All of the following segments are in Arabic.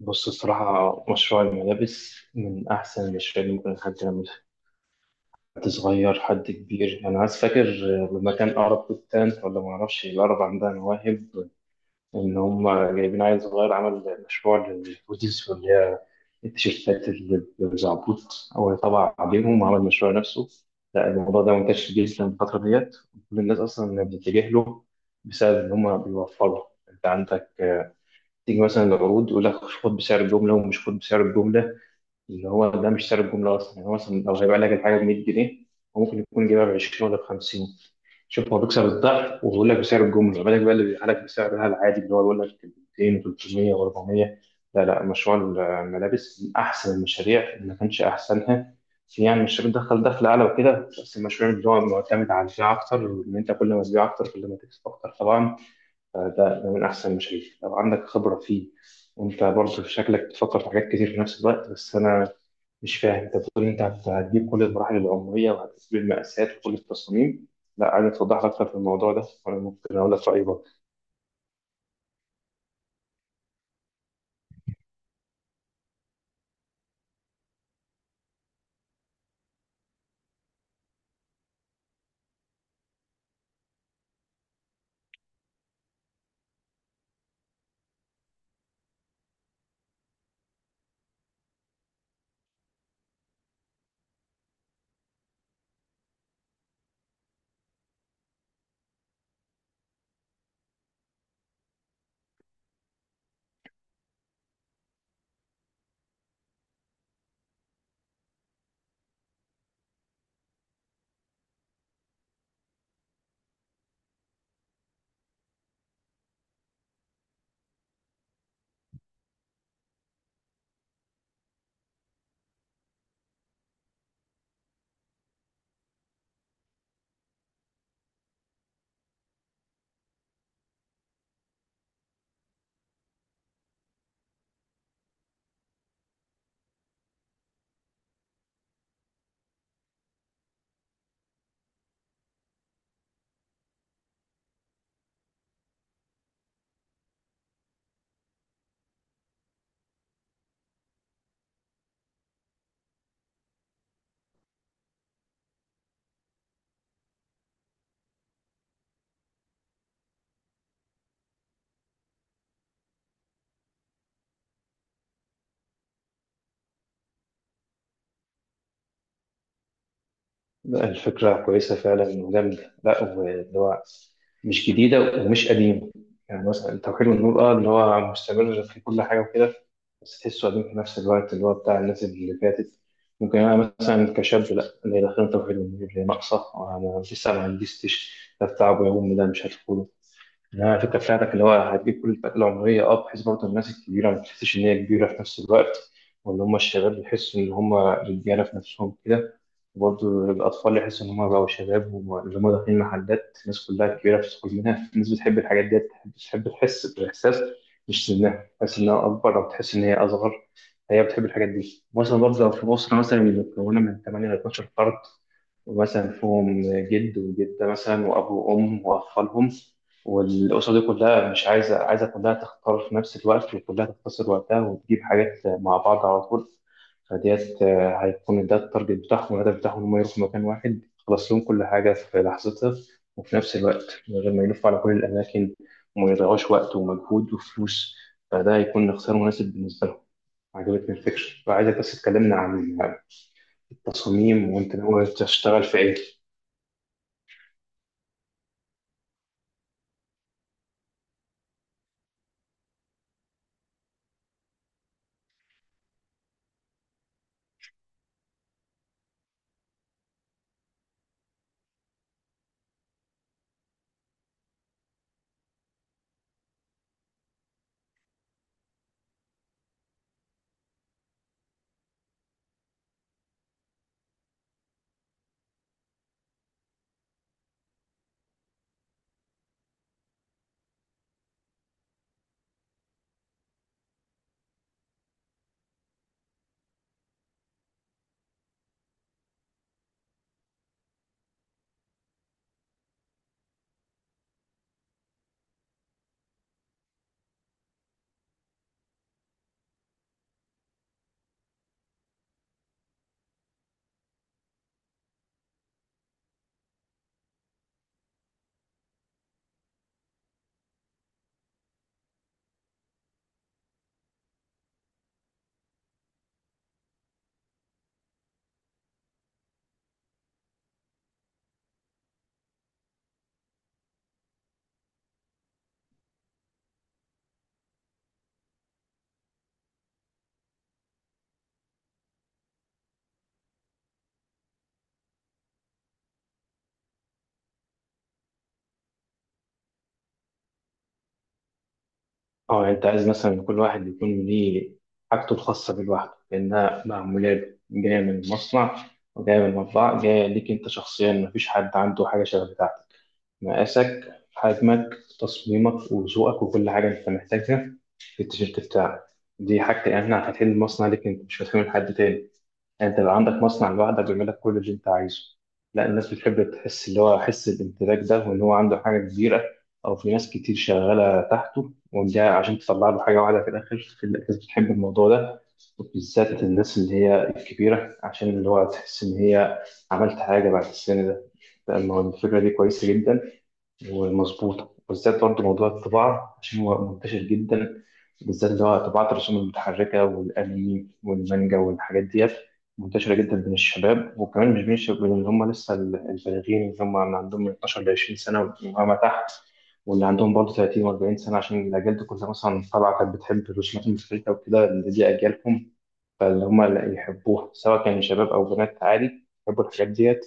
بص الصراحة مشروع الملابس من أحسن المشاريع اللي ممكن حد يعملها. حد صغير حد كبير. أنا عايز فاكر لما كان أقرب بستان ولا معرفش الأقرب عندها مواهب. إن هم جايبين عيل صغير عمل مشروع للهوديز واللي هي التيشيرتات اللي بزعبوط، هو طبع عليهم وعمل مشروع نفسه. لا، الموضوع ده منتشر جدا الفترة ديت، كل الناس أصلا بتتجه له بسبب إن هم بيوفروا. أنت عندك، تيجي مثلا العروض يقول لك خد بسعر الجملة، ومش خد بسعر الجملة اللي هو ده، مش سعر الجملة أصلا. يعني هو مثلا لو هيبيع لك الحاجة ب 100 جنيه، هو ممكن يكون جايبها ب 20 ولا ب 50. شوف هو بيكسب الضعف وبيقول لك بسعر الجملة، ما بالك بقى اللي بيبيعها لك بسعرها العادي اللي هو بيقول لك 200 و300 و400. لا لا، مشروع الملابس من أحسن المشاريع اللي ما كانش أحسنها. يعني مش بتدخل دخل أعلى وكده، بس المشروع اللي هو معتمد على البيع أكتر، إن أنت كل ما تبيع أكتر كل ما تكسب أكتر طبعا. فده من أحسن المشاريع لو عندك خبرة فيه. وانت برضه شكلك بتفكر في حاجات كتير في نفس الوقت، بس انا مش فاهم. انت بتقول انت هتجيب كل المراحل العمريه وهتجيب المقاسات وكل التصاميم. لا، عايز توضح لي اكتر في الموضوع ده وانا ممكن اقول لك رايي برضه. لا، الفكره كويسه فعلا وجامده. لا، واللي هو مش جديده ومش قديمه، يعني مثلا توحيد النور، اه، اللي هو مستمر في كل حاجه وكده، بس تحسه قديم في نفس الوقت، اللي هو بتاع الناس اللي فاتت. ممكن انا مثلا كشاب، لا، اللي داخل توحيد النور اللي ناقصه، انا لسه ما عنديش تيش. ده بتاع ابويا وامي، ده مش هدخله. انها الفكره بتاعتك اللي هو هتجيب كل الفئات العمريه، اه، بحيث برضه الناس الكبيره ما تحسش ان هي كبيره في نفس الوقت، واللي هم الشباب يحسوا ان هم رجاله في نفسهم كده، وبرضه الاطفال يحسوا ان هم بقوا شباب. واللي هم داخلين محلات الناس كلها كبيره بتدخل منها، الناس بتحب الحاجات دي، بتحب تحس بالاحساس، مش سنها تحس انها اكبر او تحس ان هي اصغر، هي بتحب الحاجات دي. مثلا برضه لو في اسره مثلا مكونه من 8 ل 12 فرد، ومثلا فيهم جد وجده مثلا واب وام واطفالهم، والأسرة دي كلها مش عايزة، كلها تختار في نفس الوقت، وكلها تختصر وقتها وتجيب حاجات مع بعض على طول. فديت، هيكون ده التارجت بتاعهم والهدف بتاعهم، إن هم يروحوا مكان واحد يخلص لهم كل حاجة في لحظتها، وفي نفس الوقت من غير ما يلفوا على كل الأماكن وما يضيعوش وقت ومجهود وفلوس. فده هيكون اختيار مناسب بالنسبة لهم. عجبتني الفكرة وعايزك بس تكلمنا عن التصاميم وأنت ناوي تشتغل في إيه. اه، يعني انت عايز مثلا كل واحد يكون ليه حاجته الخاصه بيه لوحده، لانها معموله له، جايه من المصنع وجايه من المطبعه، جايه ليك انت شخصيا، مفيش حد عنده حاجه شبه بتاعتك. مقاسك، حجمك، تصميمك وذوقك، وكل حاجه انت محتاجها في التيشيرت بتاعك دي حاجتي انا. هتحل المصنع ليك انت، مش هتحمل حد تاني، انت بقى عندك مصنع لوحدك بيعمل لك كل اللي انت عايزه. لا، الناس بتحب تحس اللي هو حس الامتلاك ده، وان هو عنده حاجه كبيره، او في ناس كتير شغاله تحته، وده عشان تطلع له حاجه واحده في الاخر. في الناس بتحب الموضوع ده، وبالذات الناس اللي هي الكبيره، عشان اللي هو تحس ان هي عملت حاجه بعد السن ده. لأن هو الفكره دي كويسه جدا ومظبوطة، بالذات برضه موضوع الطباعة عشان هو منتشر جدا، بالذات اللي هو طباعة الرسوم المتحركة والأنمي والمانجا والحاجات ديت، منتشرة جدا بين الشباب، وكمان مش بين الشباب، بين اللي هم لسه البالغين، اللي هم اللي عندهم من 12 ل 20 سنة وما تحت، واللي عندهم برضه 30 و40 سنة، عشان الأجيال دي كلها مثلا طالعة كانت بتحب الرسومات المتحركة وكده، اللي دي أجيالهم، فاللي هم اللي يحبوها سواء كان شباب أو بنات، عادي يحبوا الحاجات ديت.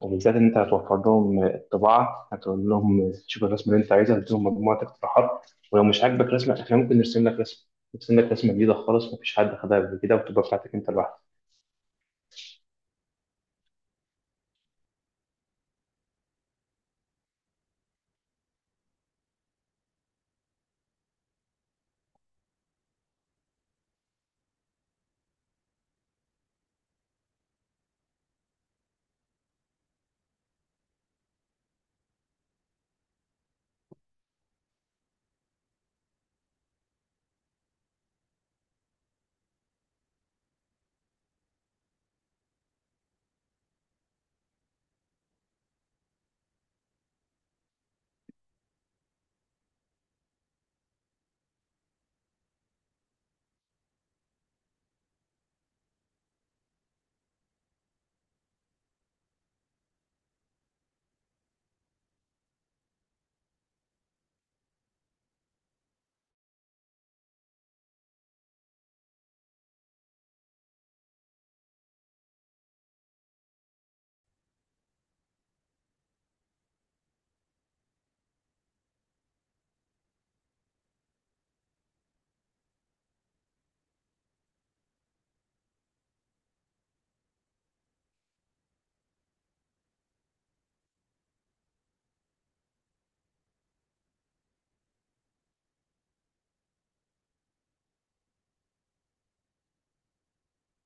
وبالذات إن أنت هتوفر لهم الطباعة، هتقول لهم شوف الرسمة اللي أنت عايزها، هتديهم مجموعة اقتراحات، ولو مش عاجبك رسمة إحنا ممكن نرسم لك رسمة جديدة خالص، مفيش حد خدها قبل كده وتبقى بتاعتك أنت لوحدك.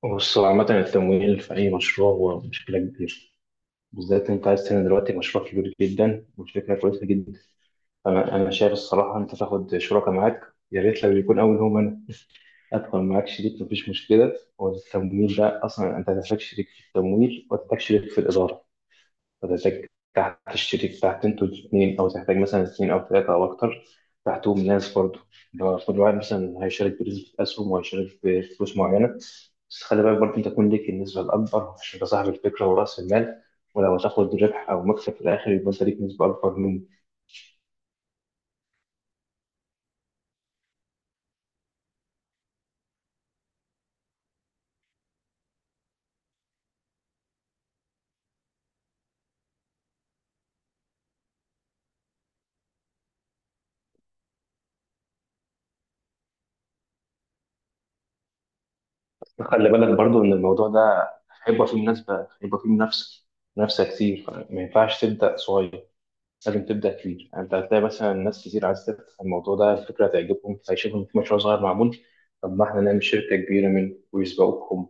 بص هو عامة التمويل في أي مشروع هو مشكلة كبيرة، بالذات أنت عايز تعمل دلوقتي مشروع كبير جدا والفكرة كويسة جدا. فأنا شايف الصراحة أنت تاخد شركاء معاك، يا ريت لو يكون أول هم أنا، ادخل معاك شريك مفيش مشكله. والتمويل ده اصلا انت هتحتاج شريك في التمويل، وهتحتاج شريك في الاداره، وهتحتاج تحت الشريك تحت، انتوا الاثنين، او تحتاج مثلا اثنين او ثلاثه او اكتر تحتهم ناس برضه. لو كل واحد مثلا هيشارك بنسبه اسهم وهيشارك بفلوس معينه، بس خلي بالك برضه انت تكون ليك النسبه الاكبر عشان انت صاحب الفكره وراس المال، ولو هتاخد ربح او مكسب في الاخر يبقى انت ليك نسبه اكبر منه. خلي بالك برضو ان الموضوع ده هيبقى فيه مناسبة، هيبقى فيه منافسة كتير، فما ينفعش تبدأ صغير، لازم تبدأ كبير. يعني انت هتلاقي مثلا ناس كتير عايز تفتح الموضوع ده، الفكرة هتعجبهم، هيشوفوا إن في مشروع صغير معمول، طب ما احنا نعمل شركة كبيرة منه ويسبقوكم.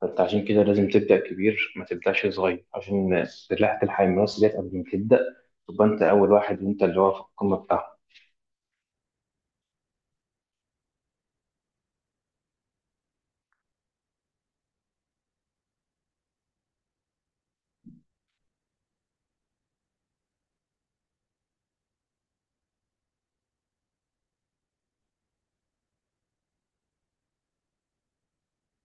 فانت عشان كده لازم تبدأ كبير، ما تبدأش صغير، عشان تلحق الناس ديت قبل ما تبدأ، تبقى انت اول واحد وانت اللي هو في القمة بتاعهم.